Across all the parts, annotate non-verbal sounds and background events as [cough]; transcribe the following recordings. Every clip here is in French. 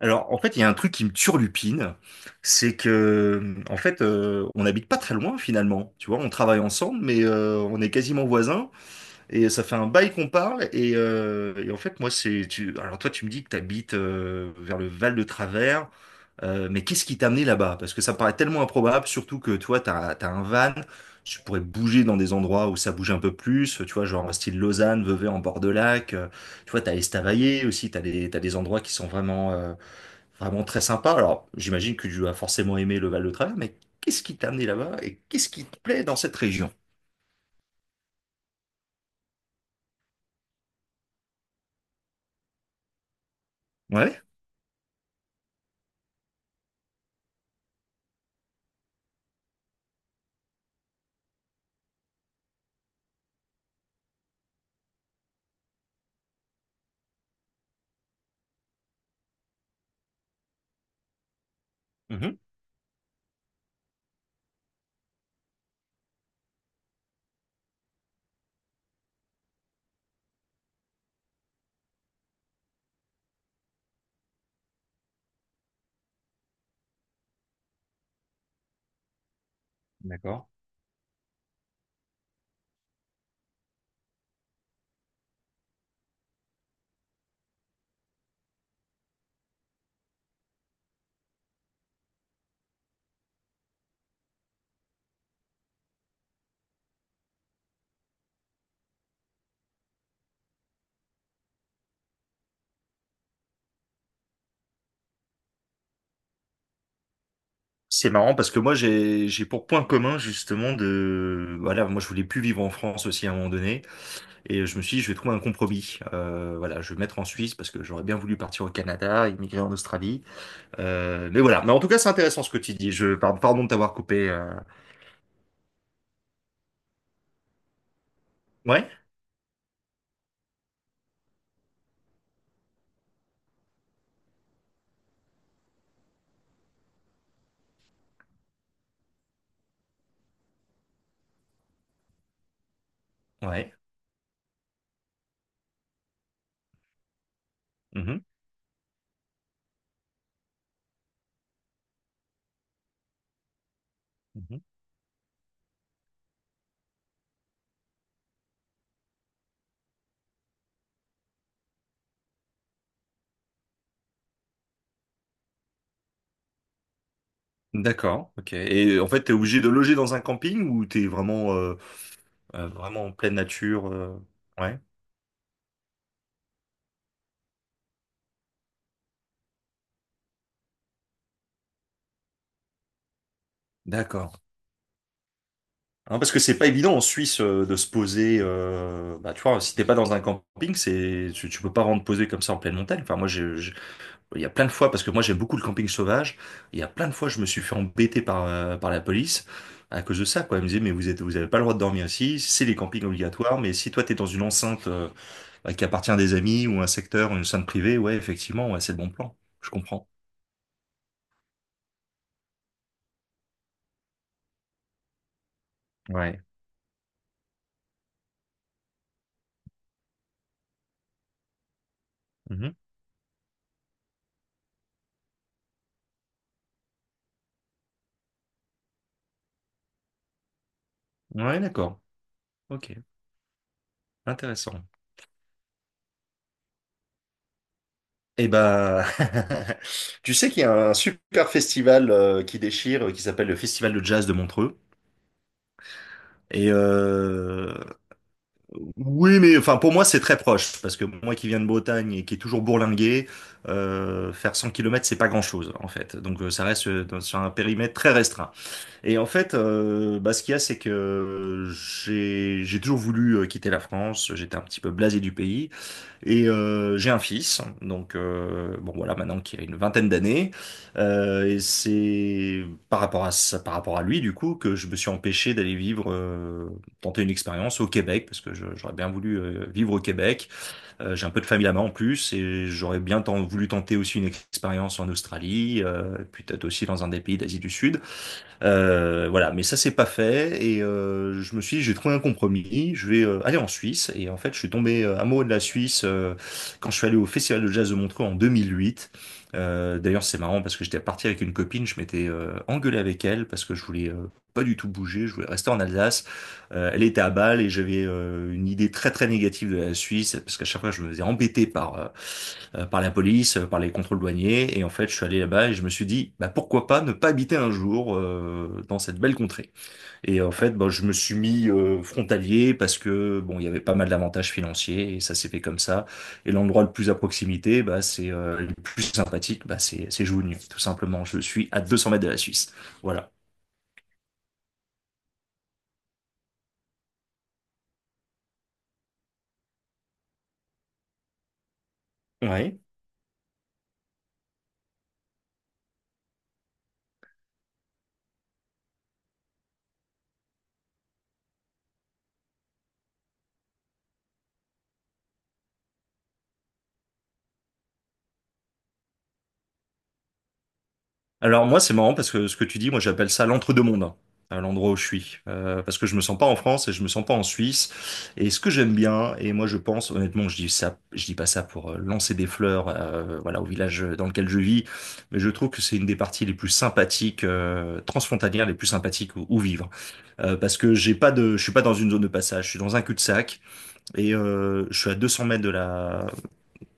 Alors, en fait, il y a un truc qui me turlupine, c'est que, en fait, on n'habite pas très loin finalement. Tu vois, on travaille ensemble, mais on est quasiment voisins, et ça fait un bail qu'on parle. Et en fait, moi, alors toi, tu me dis que tu habites vers le Val de Travers, mais qu'est-ce qui t'a amené là-bas? Parce que ça me paraît tellement improbable, surtout que toi, t'as un van, tu pourrais bouger dans des endroits où ça bouge un peu plus, tu vois, genre style Lausanne, Vevey en bord de lac. Tu vois, t'as Estavayer aussi, t'as des endroits qui sont vraiment très sympa. Alors, j'imagine que tu as forcément aimé le Val-de-Travers, mais qu'est-ce qui t'a amené là-bas et qu'est-ce qui te plaît dans cette région? Ouais. Mhm. D'accord. C'est marrant parce que moi, j'ai pour point commun, justement, de, voilà, moi je voulais plus vivre en France aussi à un moment donné, et je me suis dit, je vais trouver un compromis. Voilà, je vais me mettre en Suisse parce que j'aurais bien voulu partir au Canada, immigrer en Australie. Mais voilà, mais en tout cas, c'est intéressant ce que tu dis. Pardon de t'avoir coupé. Ouais. Ouais. Mhm. D'accord, ok. Et en fait, t'es obligé de loger dans un camping ou t'es vraiment en pleine nature? Ouais. D'accord. Hein, parce que c'est pas évident en Suisse de se poser. Bah, tu vois, si t'es pas dans un camping, tu peux pas vraiment te poser comme ça en pleine montagne. Enfin, moi, il y a plein de fois, parce que moi, j'aime beaucoup le camping sauvage. Il y a plein de fois, je me suis fait embêter par la police à cause de ça. Quoi, ils me disaient, mais vous avez pas le droit de dormir ici. C'est les campings obligatoires. Mais si toi t'es dans une enceinte, bah, qui appartient à des amis, ou un secteur ou une scène privée, ouais, effectivement, ouais, c'est le bon plan. Je comprends. Ouais. Mhm. Ouais, d'accord. Ok, intéressant. Eh ben, [laughs] tu sais qu'il y a un super festival qui déchire, qui s'appelle le Festival de Jazz de Montreux. Et, oui, mais enfin pour moi c'est très proche, parce que moi qui viens de Bretagne et qui est toujours bourlingué, faire 100 kilomètres, c'est pas grand-chose en fait. Donc ça reste, sur un périmètre très restreint. Et en fait, bah, ce qu'il y a, c'est que j'ai toujours voulu quitter la France. J'étais un petit peu blasé du pays. Et, j'ai un fils, donc bon, voilà, maintenant qui a une vingtaine d'années. Et c'est par rapport à ça, par rapport à lui, du coup, que je me suis empêché d'aller vivre, tenter une expérience au Québec, parce que j'aurais bien voulu vivre au Québec. J'ai un peu de famille là-bas en plus, et j'aurais bien voulu tenter aussi une expérience en Australie, puis peut-être aussi dans un des pays d'Asie du Sud. Voilà, mais ça, c'est pas fait. Et je me suis dit, j'ai trouvé un compromis, je vais aller en Suisse. Et en fait, je suis tombé amoureux de la Suisse quand je suis allé au Festival de Jazz de Montreux en 2008. D'ailleurs, c'est marrant parce que j'étais parti avec une copine, je m'étais engueulé avec elle parce que je voulais pas du tout bouger, je voulais rester en Alsace. Elle était à Bâle, et j'avais une idée très très négative de la Suisse, parce qu'à chaque fois, je me faisais embêter par par la police, par les contrôles douaniers. Et en fait, je suis allé là-bas et je me suis dit, bah, pourquoi pas ne pas habiter un jour dans cette belle contrée. Et en fait, bah, je me suis mis frontalier, parce que bon, il y avait pas mal d'avantages financiers et ça s'est fait comme ça. Et l'endroit le plus à proximité, bah, c'est, le plus sympathique, bah, c'est Jougny, tout simplement. Je suis à 200 mètres de la Suisse. Voilà. Ouais. Alors moi, c'est marrant, parce que ce que tu dis, moi j'appelle ça l'entre-deux-mondes, hein, à l'endroit où je suis. Parce que je me sens pas en France et je me sens pas en Suisse. Et ce que j'aime bien, et moi je pense, honnêtement, je dis ça, je dis pas ça pour lancer des fleurs, voilà, au village dans lequel je vis, mais je trouve que c'est une des parties les plus sympathiques, transfrontalières, les plus sympathiques où vivre. Parce que j'ai pas de, je suis pas dans une zone de passage, je suis dans un cul-de-sac, et je suis à 200 mètres de la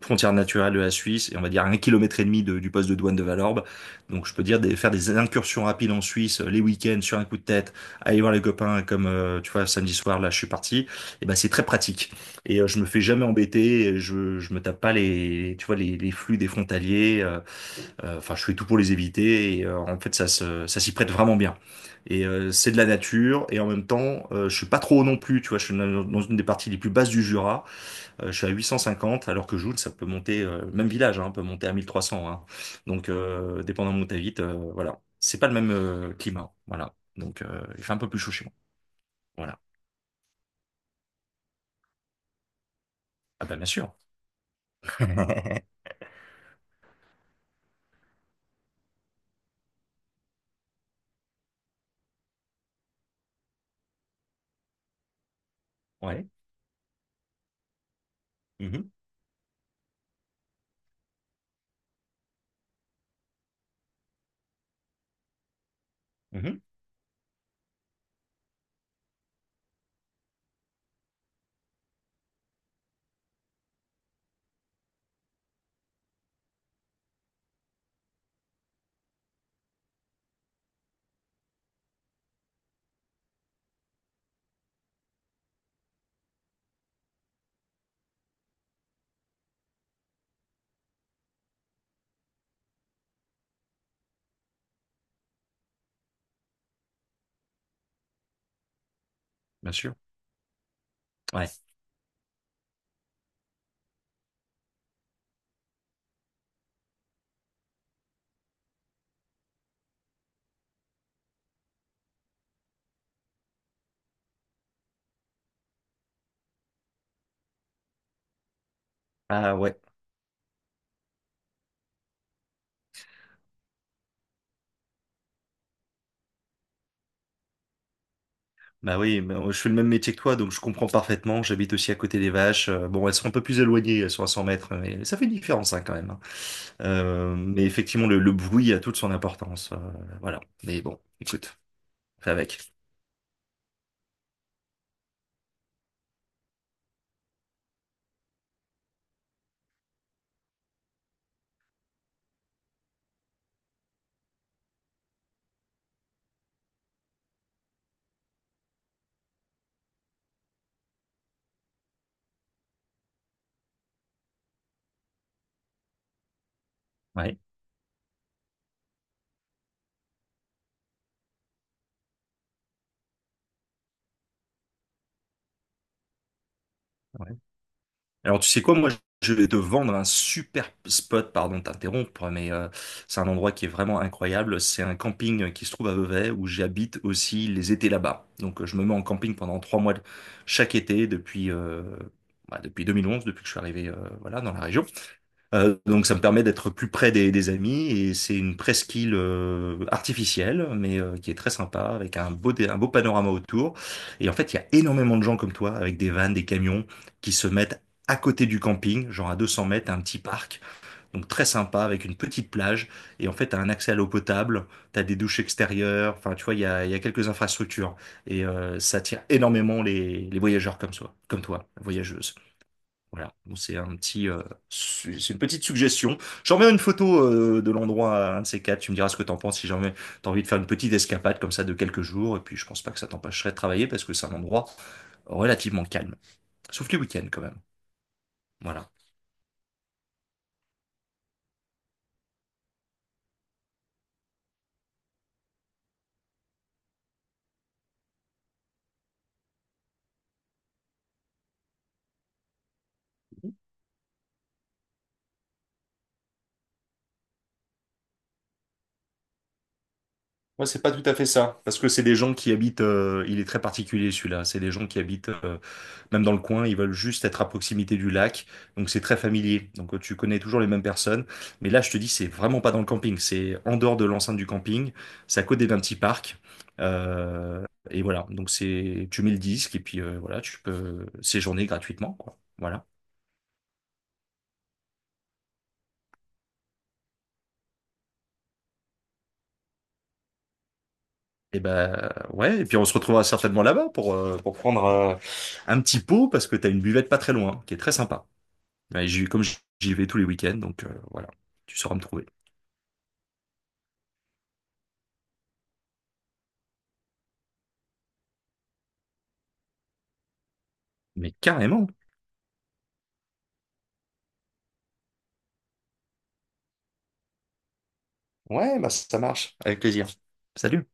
frontière naturelle de la Suisse, et on va dire à un kilomètre et demi du poste de douane de Valorbe. Donc je peux faire des incursions rapides en Suisse, les week-ends, sur un coup de tête, aller voir les copains, comme, tu vois, samedi soir là, je suis parti. Et ben c'est très pratique, et je me fais jamais embêter, et je me tape pas les, tu vois, les flux des frontaliers. Enfin je fais tout pour les éviter, et en fait, ça s'y prête vraiment bien. Et, c'est de la nature, et en même temps, je suis pas trop haut non plus. Tu vois, je suis dans une des parties les plus basses du Jura. Je suis à 850, alors que Joule, ça peut monter, même village, hein, peut monter à 1300, hein. Donc, dépendamment où tu habites, voilà. C'est pas le même climat. Voilà. Donc, il fait un peu plus chaud chez moi. Voilà. Ah bah, bien sûr. [laughs] Ouais. Mhm. Mhm. Bien sûr. Ouais. Ah ouais. Bah oui, bah, je fais le même métier que toi, donc je comprends parfaitement. J'habite aussi à côté des vaches. Bon, elles sont un peu plus éloignées, elles sont à 100 mètres, mais ça fait une différence, hein, quand même, hein. Mais effectivement, le bruit a toute son importance. Voilà. Mais bon, écoute, fais avec. Ouais. Ouais. Alors, tu sais quoi, moi, je vais te vendre un super spot, pardon de t'interrompre, mais c'est un endroit qui est vraiment incroyable. C'est un camping qui se trouve à Vevey, où j'habite aussi les étés là-bas. Donc, je me mets en camping pendant 3 mois chaque été depuis, bah, depuis 2011, depuis que je suis arrivé, voilà, dans la région. Donc ça me permet d'être plus près des amis, et c'est une presqu'île artificielle, mais qui est très sympa, avec un beau panorama autour. Et en fait, il y a énormément de gens comme toi avec des vannes, des camions, qui se mettent à côté du camping, genre à 200 mètres, un petit parc, donc très sympa, avec une petite plage. Et en fait, t'as un accès à l'eau potable, t'as des douches extérieures, enfin tu vois, il y a quelques infrastructures. Et ça attire énormément les, voyageurs comme toi, comme toi voyageuse, voilà. Donc, c'est une petite suggestion. J'enverrai une photo de l'endroit à un de ces quatre. Tu me diras ce que t'en penses, si jamais t'as envie de faire une petite escapade comme ça de quelques jours. Et puis je pense pas que ça t'empêcherait de travailler, parce que c'est un endroit relativement calme, sauf les week-ends quand même. Voilà. Moi, c'est pas tout à fait ça, parce que c'est des gens qui habitent. Il est très particulier celui-là. C'est des gens qui habitent même dans le coin. Ils veulent juste être à proximité du lac, donc c'est très familier. Donc tu connais toujours les mêmes personnes. Mais là, je te dis, c'est vraiment pas dans le camping. C'est en dehors de l'enceinte du camping. C'est à côté d'un petit parc. Et voilà. Donc, tu mets le disque et puis, voilà, tu peux séjourner gratuitement, quoi. Voilà. Et ben, ouais. Et puis on se retrouvera certainement là-bas pour, pour prendre un petit pot, parce que t'as une buvette pas très loin qui est très sympa. Ouais, comme j'y vais tous les week-ends, donc voilà, tu sauras me trouver. Mais carrément. Ouais, bah ça marche, avec plaisir. Salut.